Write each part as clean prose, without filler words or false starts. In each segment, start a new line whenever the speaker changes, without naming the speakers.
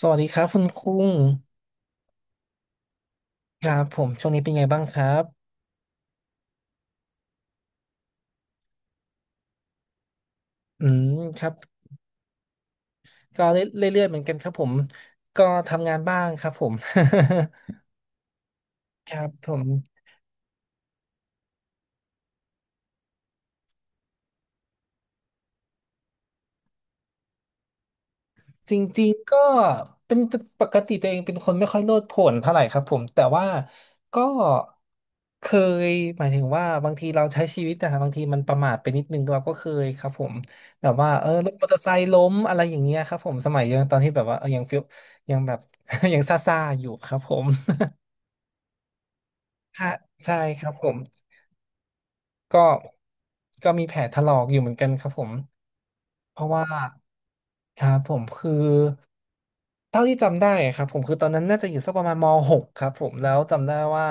สวัสดีครับคุณคุ้งครับผมช่วงนี้เป็นไงบ้างครับอืมครับก็เรื่อยๆเหมือนกันครับผมก็ทำงานบ้างครับผม ครับผมจริงๆก็เป็นปกติตัวเองเป็นคนไม่ค่อยโลดโผนเท่าไหร่ครับผมแต่ว่าก็เคยหมายถึงว่าบางทีเราใช้ชีวิตนะครับบางทีมันประมาทไปนิดนึงเราก็เคยครับผมแบบว่ารถมอเตอร์ไซค์ล้มอะไรอย่างเงี้ยครับผมสมัยยังตอนที่แบบว่ายังฟิลยังแบบ ยังซ่าๆอยู่ครับผม ค่ะใช่ครับผมก็ก็มีแผลถลอกอยู่เหมือนกันครับผมเพราะว่าครับผมคือเท่าที่จำได้ครับผมคือตอนนั้นน่าจะอยู่สักประมาณม .6 ครับผมแล้วจำได้ว่า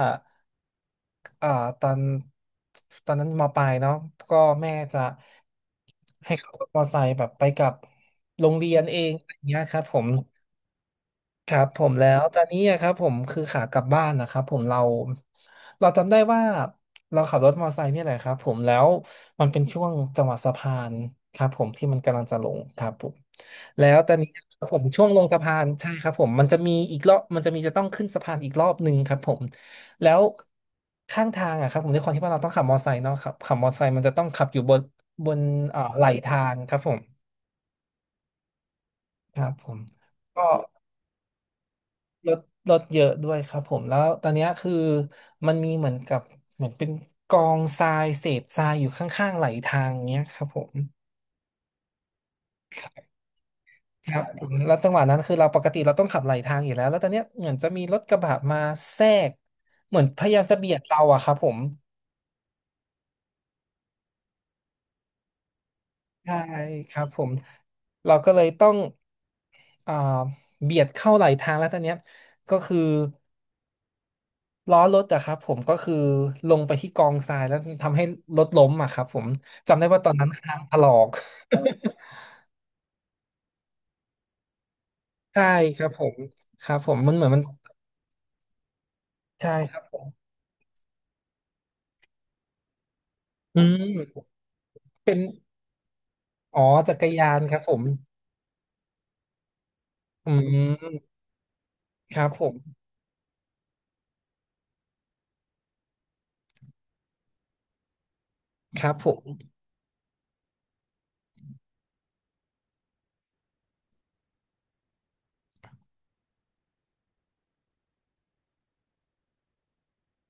เอ่อตอนตอนนั้นมปลายเนาะก็แม่จะให้ขับรถมอเตอร์ไซค์แบบไปกับโรงเรียนเองอะไรเงี้ยครับผม ครับผมแล้วตอนนี้อะครับผมคือขากลับบ้านนะครับผมเราเราจำได้ว่าเราขับรถมอเตอร์ไซค์เนี่ยแหละครับผมแล้วมันเป็นช่วงจังหวะสะพานครับผมที่มันกำลังจะลงครับผมแล้วตอนนี้ครับผมช่วงลงสะพานใช่ครับผมมันจะมีอีกรอบมันจะมีจะต้องขึ้นสะพานอีกรอบหนึ่งครับผมแล้วข้างทางอะครับผมด้วยความที่ว่าเราต้องขับมอเตอร์ไซค์เนาะครับขับมอเตอร์ไซค์มันจะต้องขับอยู่บนบนไหลทางครับผมครับผมก็ ลดลดเยอะด้วยครับผมแล้วตอนเนี้ยคือมันมีเหมือนกับเหมือนเป็นกองทรายเศษทรายอยู่ข้างๆไหลทางเงี้ยครับผมครับผมแล้วจังหวะนั้นคือเราปกติเราต้องขับไหลทางอยู่แล้วแล้วตอนเนี้ยเหมือนจะมีรถกระบะมาแทรกเหมือนพยายามจะเบียดเราอะครับผมใช่ครับผมเราก็เลยต้องอ่าเบียดเข้าไหลทางแล้วตอนเนี้ยก็คือ ล้อรถอะครับผมก็คือลงไปที่กองทรายแล้วทำให้รถล้มอะครับผมจำได้ว่าตอนนั้นคางถลอก ใช่ครับผมครับผมมันเหมือนมันใช่ครับอืมอ๋อจักรยานครับผมอืมครับผมครับผม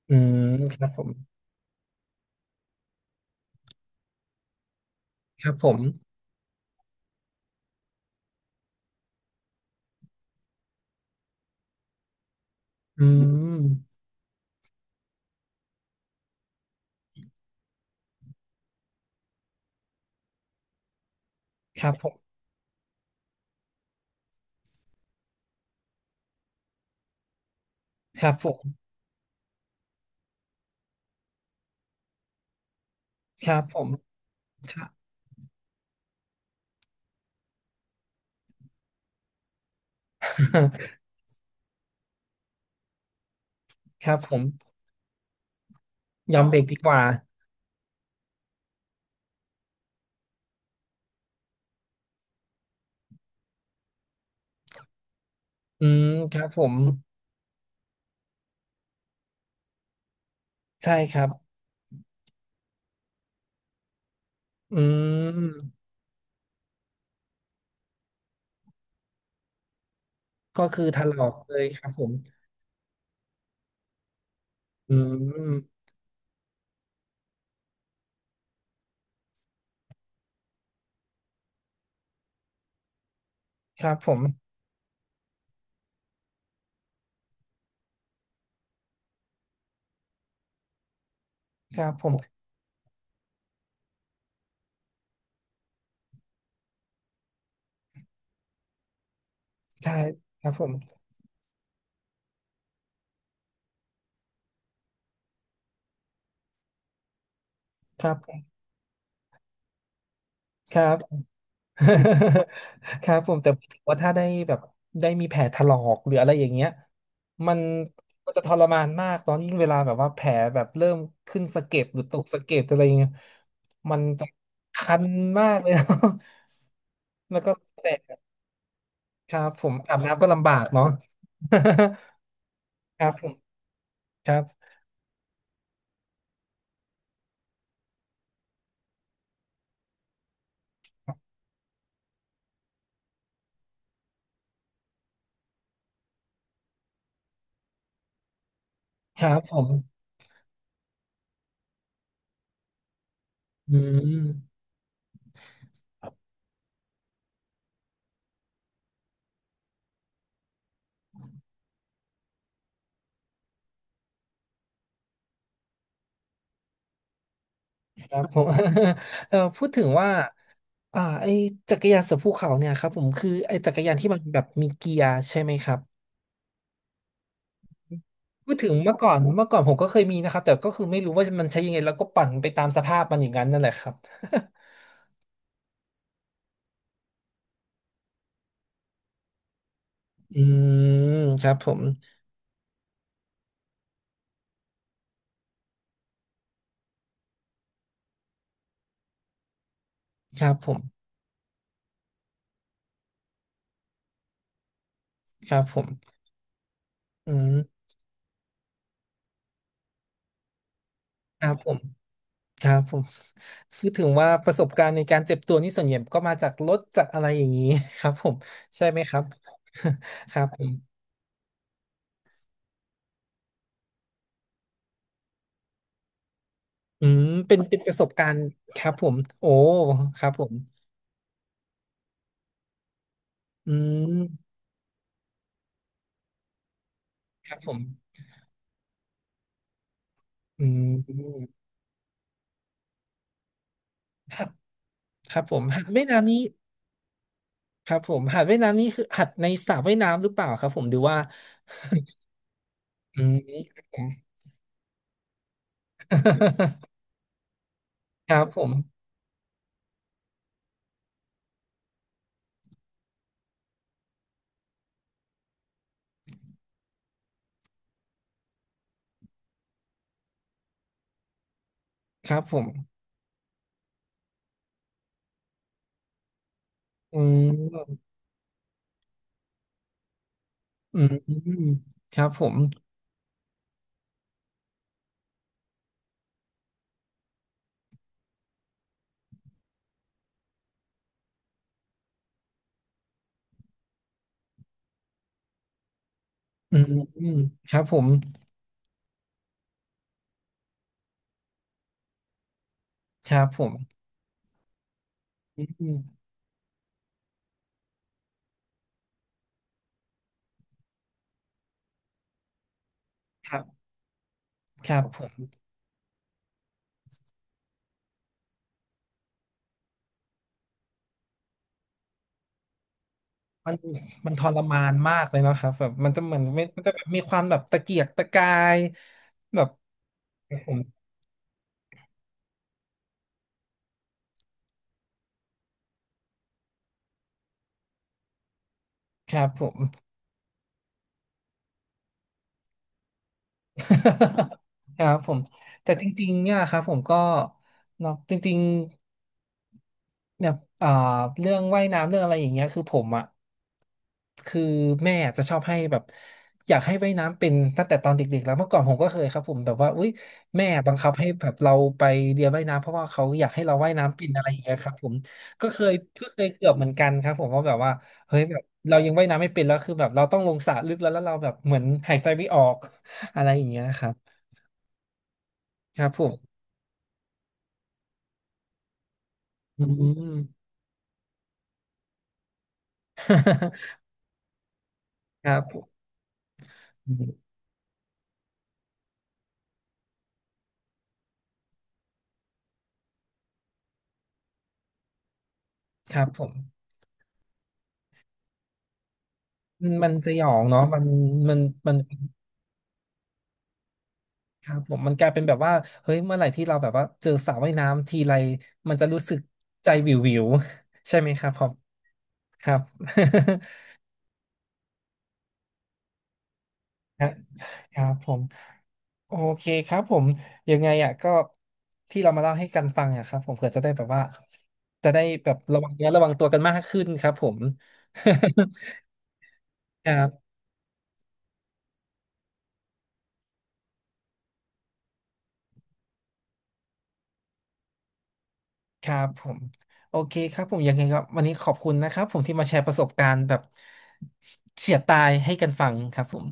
อืมครับผมครับผมอืมครับผมครับผมครับผม ใช่ ครับผมยอมเบรกดีกว่าอืมครับผมใช่ครับอืม ก็คือถลอกเลยครับผมอืมครับผมครับผมใช่ครับผมครับผมครับ ครับผมแต่ถือว่าถ้าได้แบบได้มีแผลถลอกหรืออะไรอย่างเงี้ยมันมันจะทรมานมากตอนยิ่งเวลาแบบว่าแผลแบบเริ่มขึ้นสะเก็ดหรือตกสะเก็ดอะไรอย่างเงี้ยมันจะคันมากเลย แล้วก็แผลครับผมอาบน้ำก็ลำบากเนาะ ครับผมครับครับผมอืม ครับผม พูดถึงว่าไอจักรยานเสือภูเขาเนี่ยครับผมคือไอจักรยานที่มันแบบมีเกียร์ใช่ไหมครับพูดถึงเมื่อก่อนเมื่อก่อนผมก็เคยมีนะครับแต่ก็คือไม่รู้ว่ามันใช้ยังไงแล้วก็ปั่นไปตามสภาพมันอย่างนั้นนั่นแหละครับ อืมครับผมครับผมครับผมอืมครับผมครับผมพูดถึงว่าประสบการณ์ในการเจ็บตัวนี่ส่วนใหญ่ก็มาจากรถจากอะไรอย่างนี้ ครับผมใช่ไหมครับ ครับผม อืมเป็นเป็นประสบการณ์ครับผมโอ้ครับผมอืมครับผมอืมหัดครับผมหัดว่ายน้ำนี้ครับผมหัดว่ายน้ำนี้คือหัดในสระว่ายน้ำหรือเปล่าครับผมหรือว่าอืม ครับผมครับผมอืมอืมครับผมอืมครับผมครับผมอืมครับครับผม มันมันทรมานมากเลยเนอะครับแบบมันจะเหมือนไม่มันจะแบบมีความแบบตะเกียกตะกายแบบผมครับผม ครับผมแต่จริงๆเนี่ยครับผมก็เนาะจริง เนี่ยอ่าเรื่องว่ายน้ำเรื่องอะไรอย่างเงี้ยคือผมอ่ะคือแม่จะชอบให้แบบอยากให้ว่ายน้ำเป็นตั้งแต่ตอนเด็กๆแล้วเมื่อก่อนผมก็เคยครับผมแบบว่าอุ้ยแม่บังคับให้แบบเราไปเรียนว่ายน้ำเพราะว่าเขาอยากให้เราว่ายน้ำเป็นอะไรอย่างเงี้ยครับผมก็เคยก็เคยเกือบเหมือนกันครับผมว่าแบบว่าเฮ้ยแบบเรายังว่ายน้ำไม่เป็นแล้วคือแบบเราต้องลงสระลึกแล้วแล้วเราแบบเหมือนหายใจไม่ออก อะไรอย่างเงี้ยครับครับผมอืม ครับผมอืมครับผม มันมันสยองเนาะมันมันมันครับผมมันกลายเป็นแบบว่าเฮ้ยเมื่อไหร่ที่เราแบบว่าเจอสระว่ายน้ำทีไรมันจะรู้สึกใจวิววิว ใช่ไหมครับผมครับ ครับผมโอเคครับผมยังไงอ่ะก็ที่เรามาเล่าให้กันฟังอ่ะครับผมเผื่อจะได้แบบว่าจะได้แบบระวังเนื้อระวังตัวกันมากขึ้นครับผม ครับ ครับผมโอเคครับผมยังไงครับวันนี้ขอบคุณนะครับผมที่มาแชร์ประสบการณ์แบบเฉียดตายให้กันฟังครับผม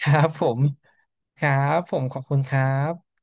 ครับผมครับผมขอบคุณครับ